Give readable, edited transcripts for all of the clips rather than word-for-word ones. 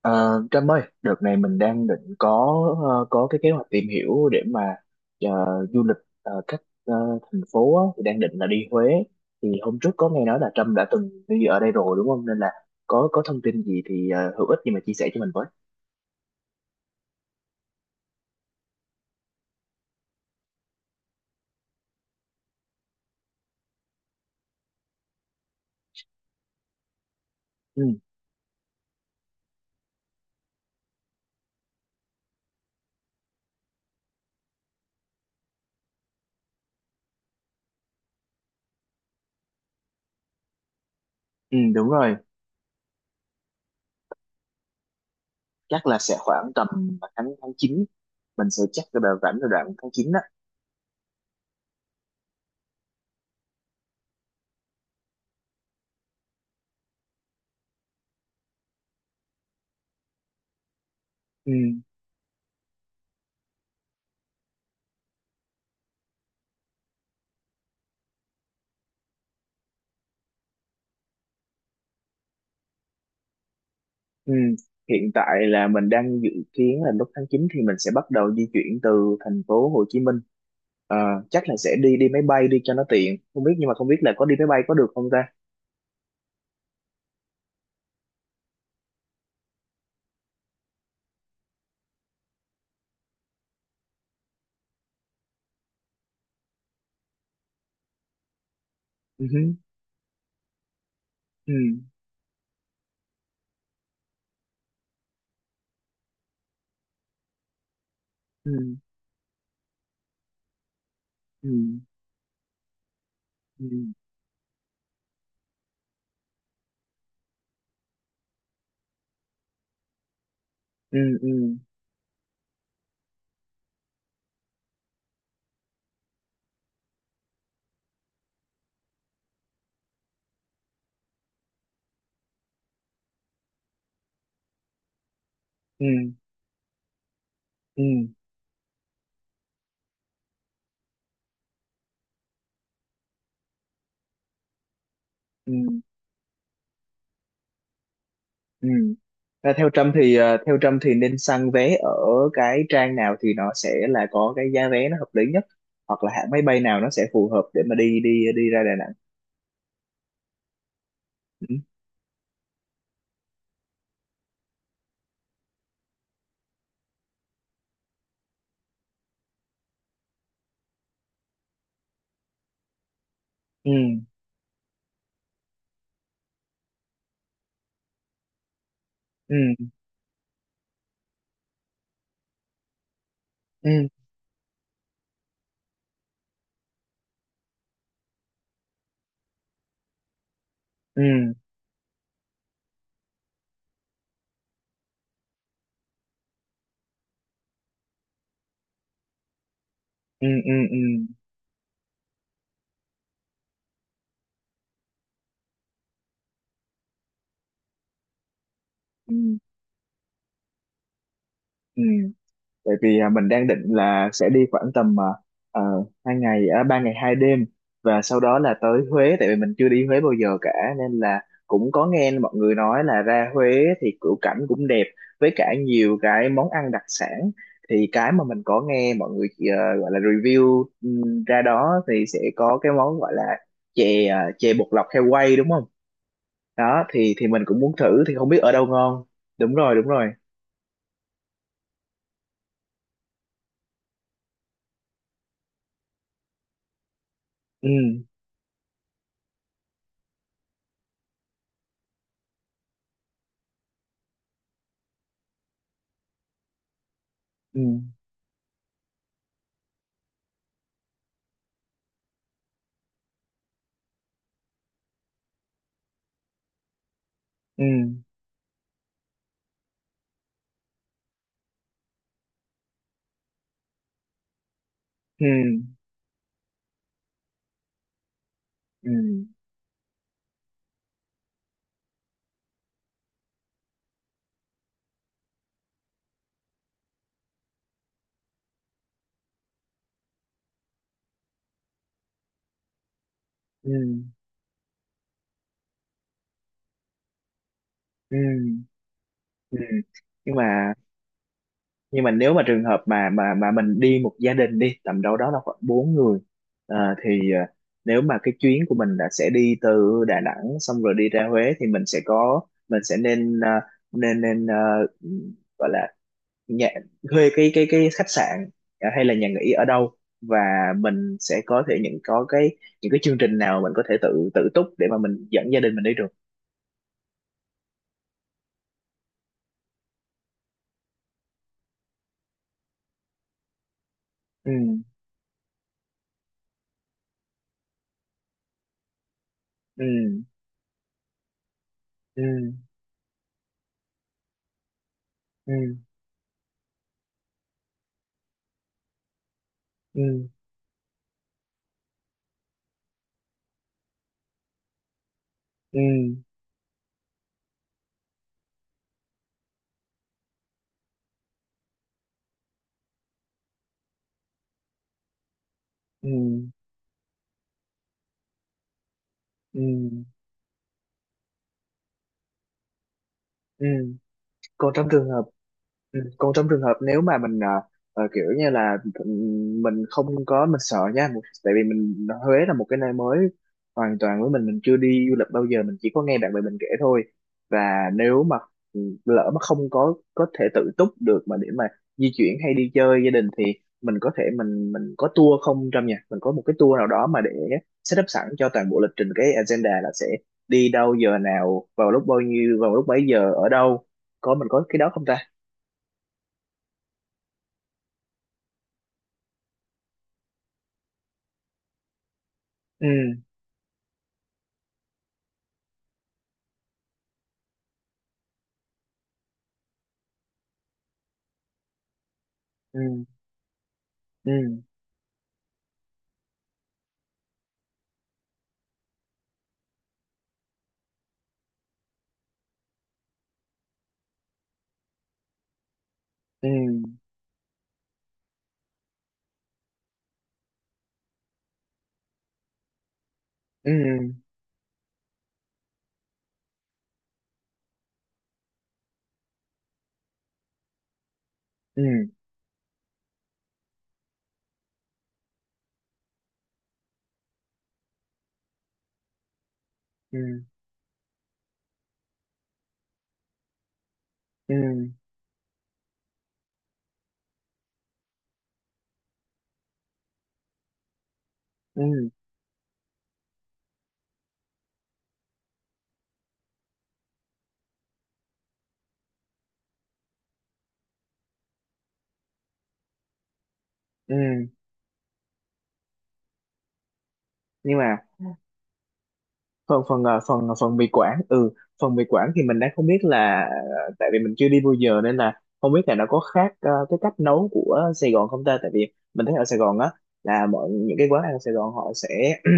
Ờ, Trâm ơi, đợt này mình đang định có có cái kế hoạch tìm hiểu để mà ờ, du lịch ờ, các ờ, thành phố á, thì đang định là đi Huế. Thì hôm trước có nghe nói là Trâm đã từng đi ở đây rồi đúng không? Nên là có thông tin gì thì hữu ích gì mà chia sẻ cho mình với. Ừ, ừ đúng rồi, chắc là sẽ khoảng tầm tháng tháng chín, mình sẽ chắc cái đợt rảnh là đoạn tháng 9 đó. Ừ. Ừ. Hiện tại là mình đang dự kiến là lúc tháng 9 thì mình sẽ bắt đầu di chuyển từ thành phố Hồ Chí Minh. Ờ, Chắc là sẽ đi đi máy bay đi cho nó tiện. Không biết là có đi máy bay có được không ta? Ừ. Hứ. Ừ. Ừ. Ừ. Ừ. Ừ. Ừ. Ừ. Ừ. Ừ. Ừ. Và theo Trâm thì theo Trâm thì nên săn vé ở cái trang nào thì nó sẽ là có cái giá vé nó hợp lý nhất, hoặc là hãng máy bay nào nó sẽ phù hợp để mà đi đi đi ra Đà Nẵng. Ừ. Ừ. Ừ. Ừ. ừ ừ. Ừ. Ừ, bởi vì mình đang định là sẽ đi khoảng tầm ờ, ba ngày hai đêm và sau đó là tới Huế, tại vì mình chưa đi Huế bao giờ cả, nên là cũng có nghe mọi người nói là ra Huế thì cửu cảnh cũng đẹp, với cả nhiều cái món ăn đặc sản. Thì cái mà mình có nghe mọi người gọi là review ra đó thì sẽ có cái món gọi là chè bột lọc heo quay đúng không? Đó thì mình cũng muốn thử, thì không biết ở đâu ngon. Đúng rồi, đúng rồi. Ừ ừ ừ ừ ừ ừ ừ ừ Nhưng mà nếu mà trường hợp mà mình đi một gia đình đi tầm đâu đó là khoảng bốn người, ờ, thì nếu mà cái chuyến của mình là sẽ đi từ Đà Nẵng xong rồi đi ra Huế, thì mình sẽ nên nên nên ờ, gọi là nhà thuê cái khách sạn hay là nhà nghỉ ở đâu, và mình sẽ có thể những cái chương trình nào mình có thể tự tự túc để mà mình dẫn gia đình mình đi được. Ừ ừ ừ ừ ừ ừ ừ ừ ừ Còn trong trường hợp còn trong trường hợp nếu mà mình kiểu như là mình không có, mình sợ nha một-, tại vì Huế là một cái nơi mới hoàn toàn với mình chưa đi du lịch bao giờ, mình chỉ có nghe bạn bè mình kể thôi. Và nếu mà lỡ mà không có thể tự túc được mà để mà di chuyển hay đi chơi gia đình, thì mình có tour không, trong nhà mình có một cái tour nào đó mà để setup sẵn cho toàn bộ lịch trình, cái agenda là sẽ đi đâu giờ nào, vào lúc bao nhiêu, vào lúc mấy giờ ở đâu, có mình có cái đó không ta? Ừ. ừ ừ ừ ừ ừ ừ ừ ừ ừ Nhưng mà phần phần ờ, phần ờ, phần mì quảng. Ừ, phần mì quảng thì mình đang không biết là tại vì mình chưa đi bao giờ nên là không biết là nó có khác cái cách nấu của Sài Gòn không ta. Tại vì mình thấy ở Sài Gòn á, là mọi những cái quán ăn ở Sài Gòn họ sẽ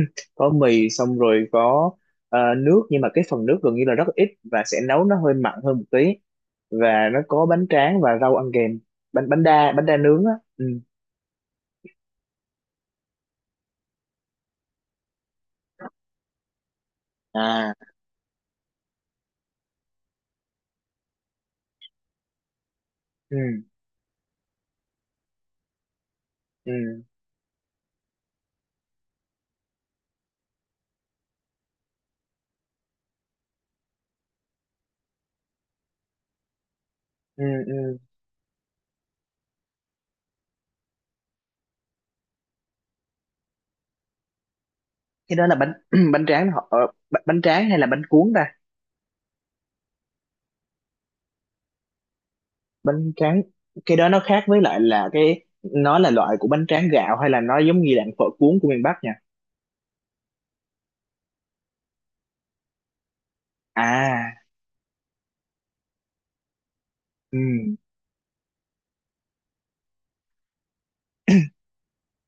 có mì xong rồi có nước, nhưng mà cái phần nước gần như là rất ít và sẽ nấu nó hơi mặn hơn một tí, và nó có bánh tráng và rau ăn kèm. Bánh bánh đa Bánh đa nướng á. Ừ. À. Ừ. Ừ. Ừ. Ừ. Cái đó là bánh bánh tráng họ bánh bánh tráng hay là bánh cuốn ta? Bánh tráng Cái đó nó khác với lại là nó là loại của bánh tráng gạo, hay là nó giống như dạng phở cuốn của miền Bắc nha. À. Ừ.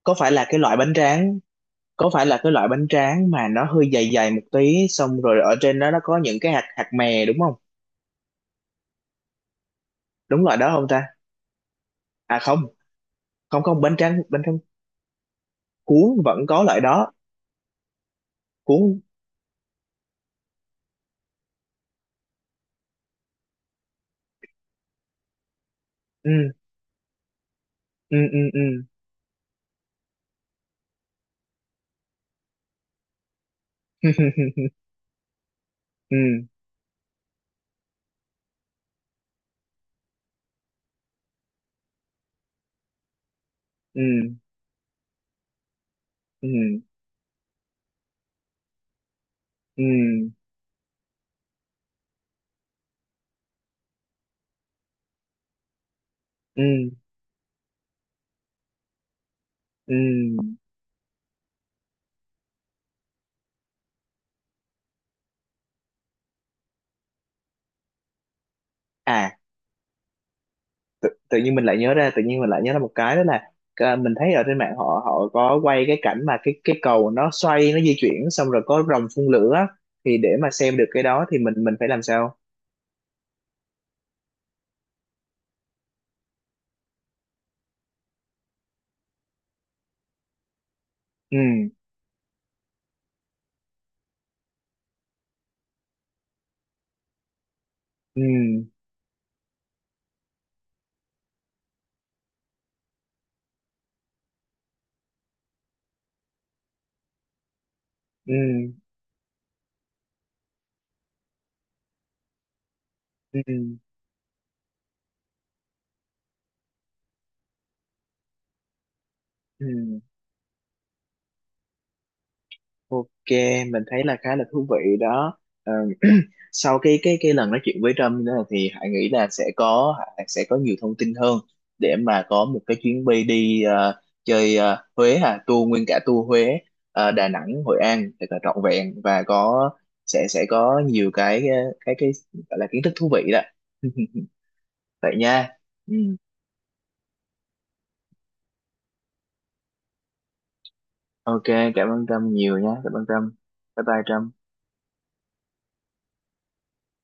Có phải là cái loại bánh tráng có phải là cái loại bánh tráng mà nó hơi dày dày một tí, xong rồi ở trên đó nó có những cái hạt hạt mè đúng không? Đúng loại đó không ta? À không không không, bánh tráng cuốn vẫn có loại đó. Cuốn. Ừ ừ ừ ừ ừ ừ ừ ừ ừ ừ À, tự, tự nhiên mình lại nhớ ra, một cái đó là mình thấy ở trên mạng họ họ có quay cái cảnh mà cái cầu nó xoay, nó di chuyển, xong rồi có rồng phun lửa á. Thì để mà xem được cái đó thì mình phải làm sao? Ừ ừ ừ ừ ừ Ok, mình thấy là khá là thú vị đó. Ờ, Sau cái lần nói chuyện với Trump nữa, thì Hải sẽ có nhiều thông tin hơn để mà có một cái chuyến bay đi chơi ờ, Huế hà tour nguyên cả tour Huế, Đà Nẵng, Hội An thật là trọn vẹn, và có sẽ có nhiều cái cái cái gọi là kiến thức thú vị đó. Vậy nha. Ừ. Ok, cảm ơn Trâm nhiều nha, cảm ơn Trâm, bye bye Trâm.